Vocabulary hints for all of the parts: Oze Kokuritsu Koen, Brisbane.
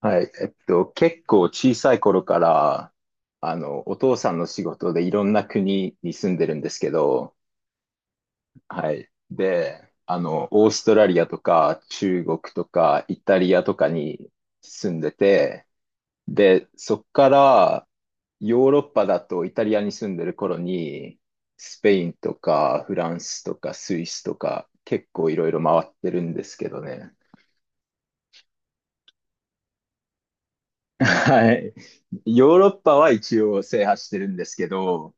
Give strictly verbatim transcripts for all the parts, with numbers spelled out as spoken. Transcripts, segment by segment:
はい。えっと、結構小さい頃から、あの、お父さんの仕事でいろんな国に住んでるんですけど、はい。で、あの、オーストラリアとか中国とかイタリアとかに住んでて、で、そっからヨーロッパだとイタリアに住んでる頃に、スペインとかフランスとかスイスとか結構いろいろ回ってるんですけどね。はい。ヨーロッパは一応制覇してるんですけど、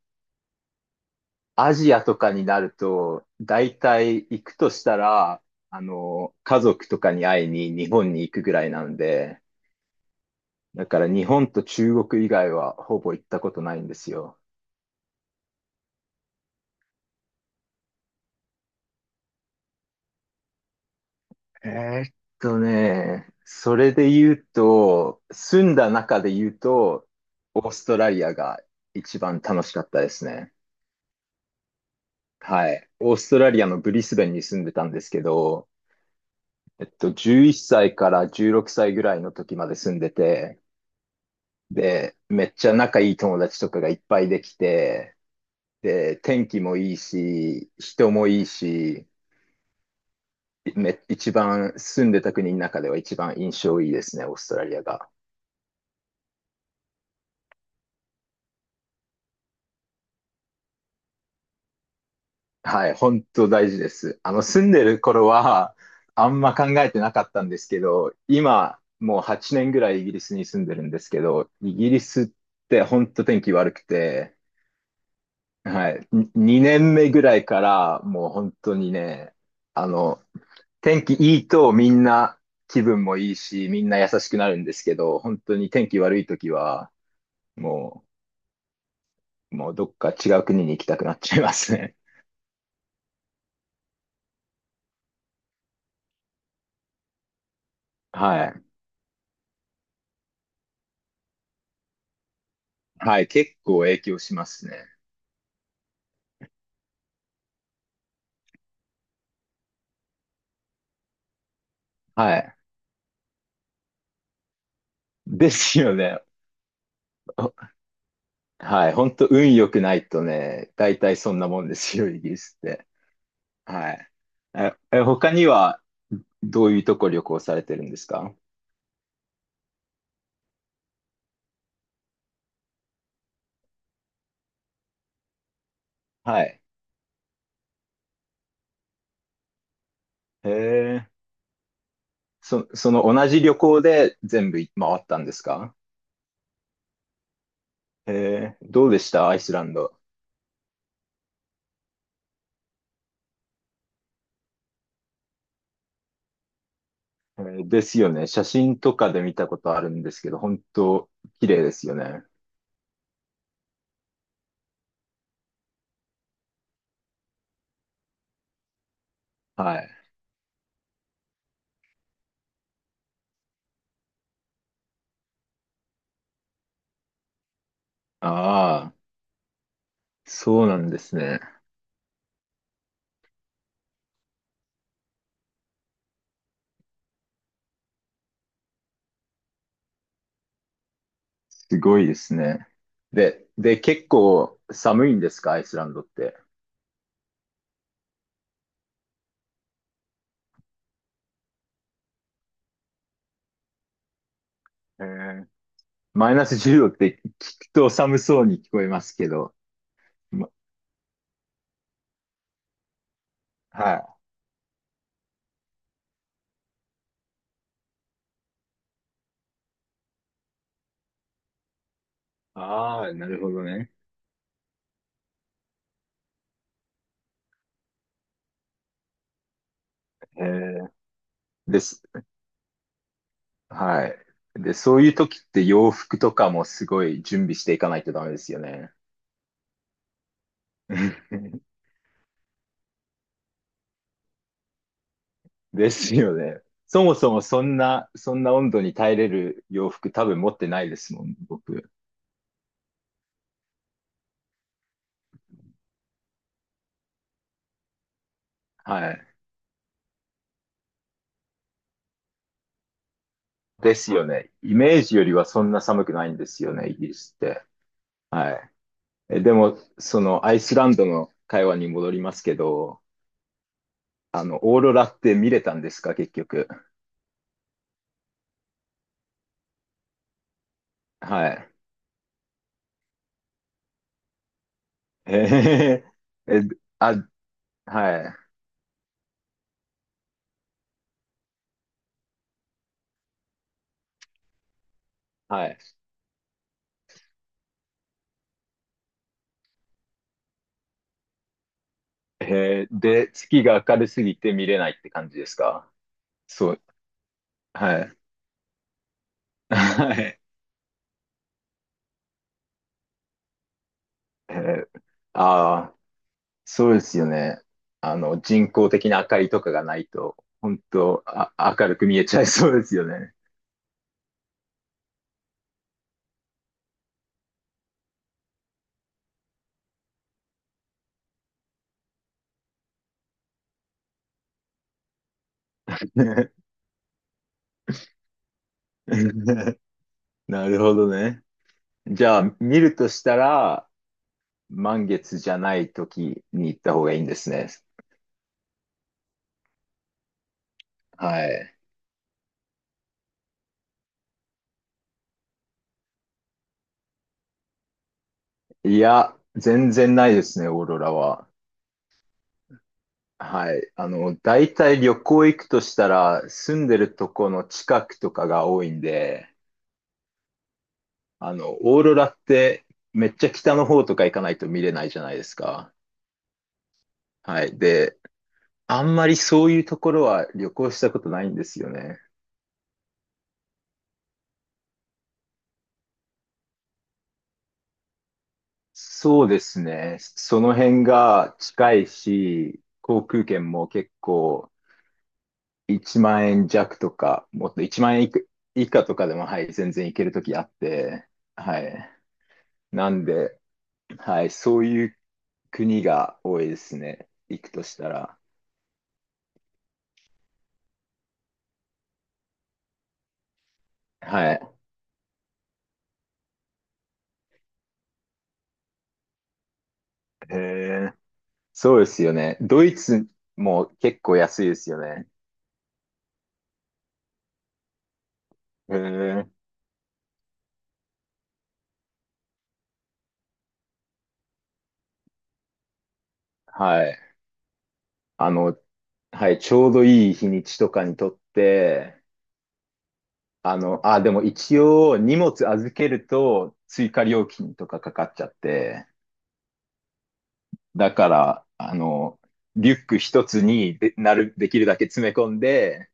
アジアとかになると、大体行くとしたら、あの、家族とかに会いに日本に行くぐらいなんで、だから日本と中国以外はほぼ行ったことないんですよ。えーっとね、それで言うと、住んだ中で言うと、オーストラリアが一番楽しかったですね。はい。オーストラリアのブリスベンに住んでたんですけど、えっと、じゅういっさいからじゅうろくさいぐらいの時まで住んでて、で、めっちゃ仲いい友達とかがいっぱいできて、で、天気もいいし、人もいいし、め、一番住んでた国の中では一番印象いいですね、オーストラリアが。はい、本当大事です。あの、住んでる頃は、あんま考えてなかったんですけど、今、もうはちねんぐらいイギリスに住んでるんですけど、イギリスって本当天気悪くて、はい。ににねんめぐらいから、もう本当にね、あの、天気いいとみんな気分もいいし、みんな優しくなるんですけど、本当に天気悪い時は、もう、もうどっか違う国に行きたくなっちゃいますね。はい。はい。結構影響しますね。はい。ですよね。おはい。本当運良くないとね、大体そんなもんですよ、イギリスって。はい。え、え他にはどういうとこ旅行されてるんですか？はい。へえ。そ、その同じ旅行で全部回ったんですか？へえ。どうでしたアイスランド？えーですよね。写真とかで見たことあるんですけど、本当綺麗ですよね。はい。ああ、そうなんですね。すごいですね。で、で、結構寒いんですかアイスランドって？へえ。マイナスじゅうどって聞くと寒そうに聞こえますけど。まはい。ああ、なるほどね。へえー。です。はい。で、そういう時って洋服とかもすごい準備していかないとダメですよね。ですよね。そもそもそんな、そんな温度に耐えれる洋服多分持ってないですもん、僕。はい。ですよね。イメージよりはそんな寒くないんですよね、イギリスって。はい。え、でも、そのアイスランドの会話に戻りますけど、あの、オーロラって見れたんですか、結局？はい。えへへへえ、あ、はい。はい。へえ、で、月が明るすぎて見れないって感じですか？そう、はい。はい。えー、ああ、そうですよね。あの、人工的な明かりとかがないと、本当あ、明るく見えちゃいそうですよね。ね なるほどね。じゃあ、見るとしたら、満月じゃない時に行った方がいいんですね。はい。いや、全然ないですね、オーロラは。はい。あの、大体旅行行くとしたら、住んでるとこの近くとかが多いんで、あの、オーロラってめっちゃ北の方とか行かないと見れないじゃないですか。はい。で、あんまりそういうところは旅行したことないんですよね。そうですね。その辺が近いし、航空券も結構いちまん円弱とか、もっといちまん円いく以下とかでも、はい、全然行けるときあって、はい。なんで、はい、そういう国が多いですね。行くとしたら。はい。へえ。そうですよね。ドイツも結構安いですよね。へえ。はい。あの、はい、ちょうどいい日にちとかにとって、あの、あ、でも一応荷物預けると追加料金とかかかっちゃって、だから、あの、リュック一つにで、なる、できるだけ詰め込んで、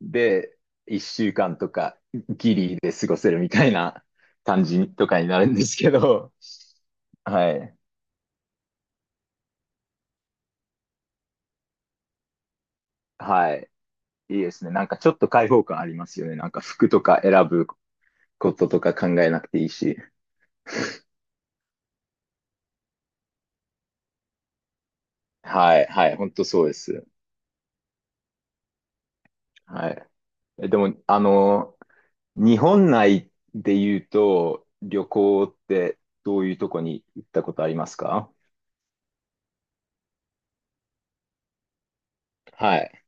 で、いっしゅうかんとかギリで過ごせるみたいな感じとかになるんですけど、はい。はい。いいですね。なんかちょっと開放感ありますよね。なんか服とか選ぶこととか考えなくていいし。はい。はい。本当そうです。はい。えでも、あの、日本内で言うと、旅行ってどういうとこに行ったことありますか？はい。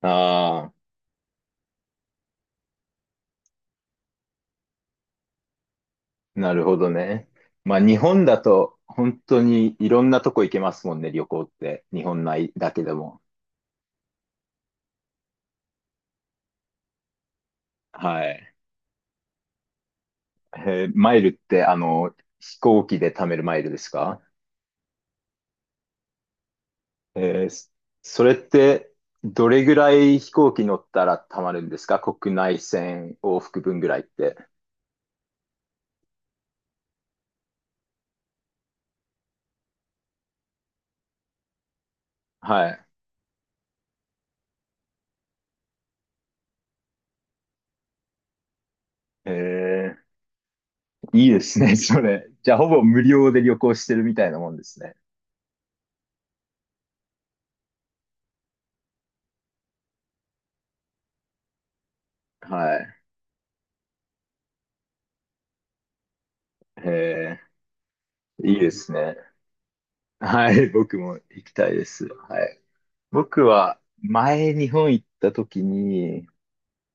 ああ。なるほどね。まあ日本だと本当にいろんなとこ行けますもんね、旅行って。日本内だけでも。はい。えーマイルってあの、飛行機で貯めるマイルですか？えーそそれってどれぐらい飛行機乗ったら貯まるんですか？国内線往復分ぐらいって。はい。えー、いいですね、それ。じゃあほぼ無料で旅行してるみたいなもんですね。はい。えー、いいですね。はい、僕も行きたいです。はい。僕は前日本行った時に、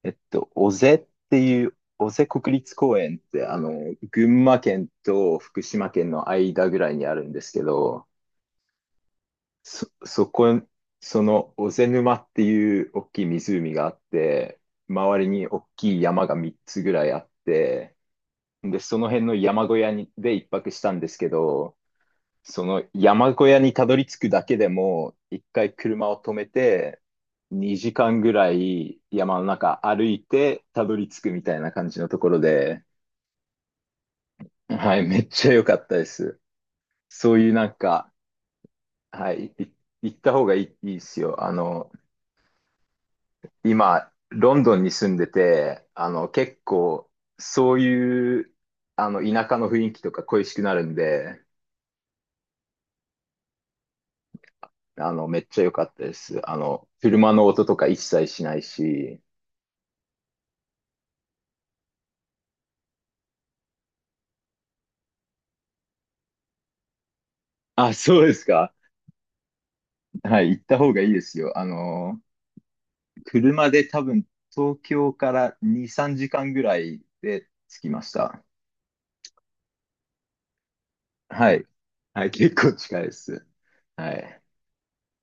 えっと、尾瀬っていう、尾瀬国立公園って、あの、群馬県と福島県の間ぐらいにあるんですけど、そ、そこ、その、小瀬沼っていう大きい湖があって、周りに大きい山がみっつぐらいあって、で、その辺の山小屋に、でいっぱくしたんですけど、その山小屋にたどり着くだけでも、いっかい車を止めて、にじかんぐらい山の中歩いてたどり着くみたいな感じのところで、はい、めっちゃ良かったです。そういうなんか、はい、い行った方がいい、いいですよ。あの、今、ロンドンに住んでて、あの、結構、そういう、あの、田舎の雰囲気とか恋しくなるんで、あの、めっちゃ良かったです。あの、車の音とか一切しないし。あ、そうですか。はい、行った方がいいですよ。あの、車で多分、東京からに、さんじかんぐらいで着きました。はい。はい、結構近いです。はい。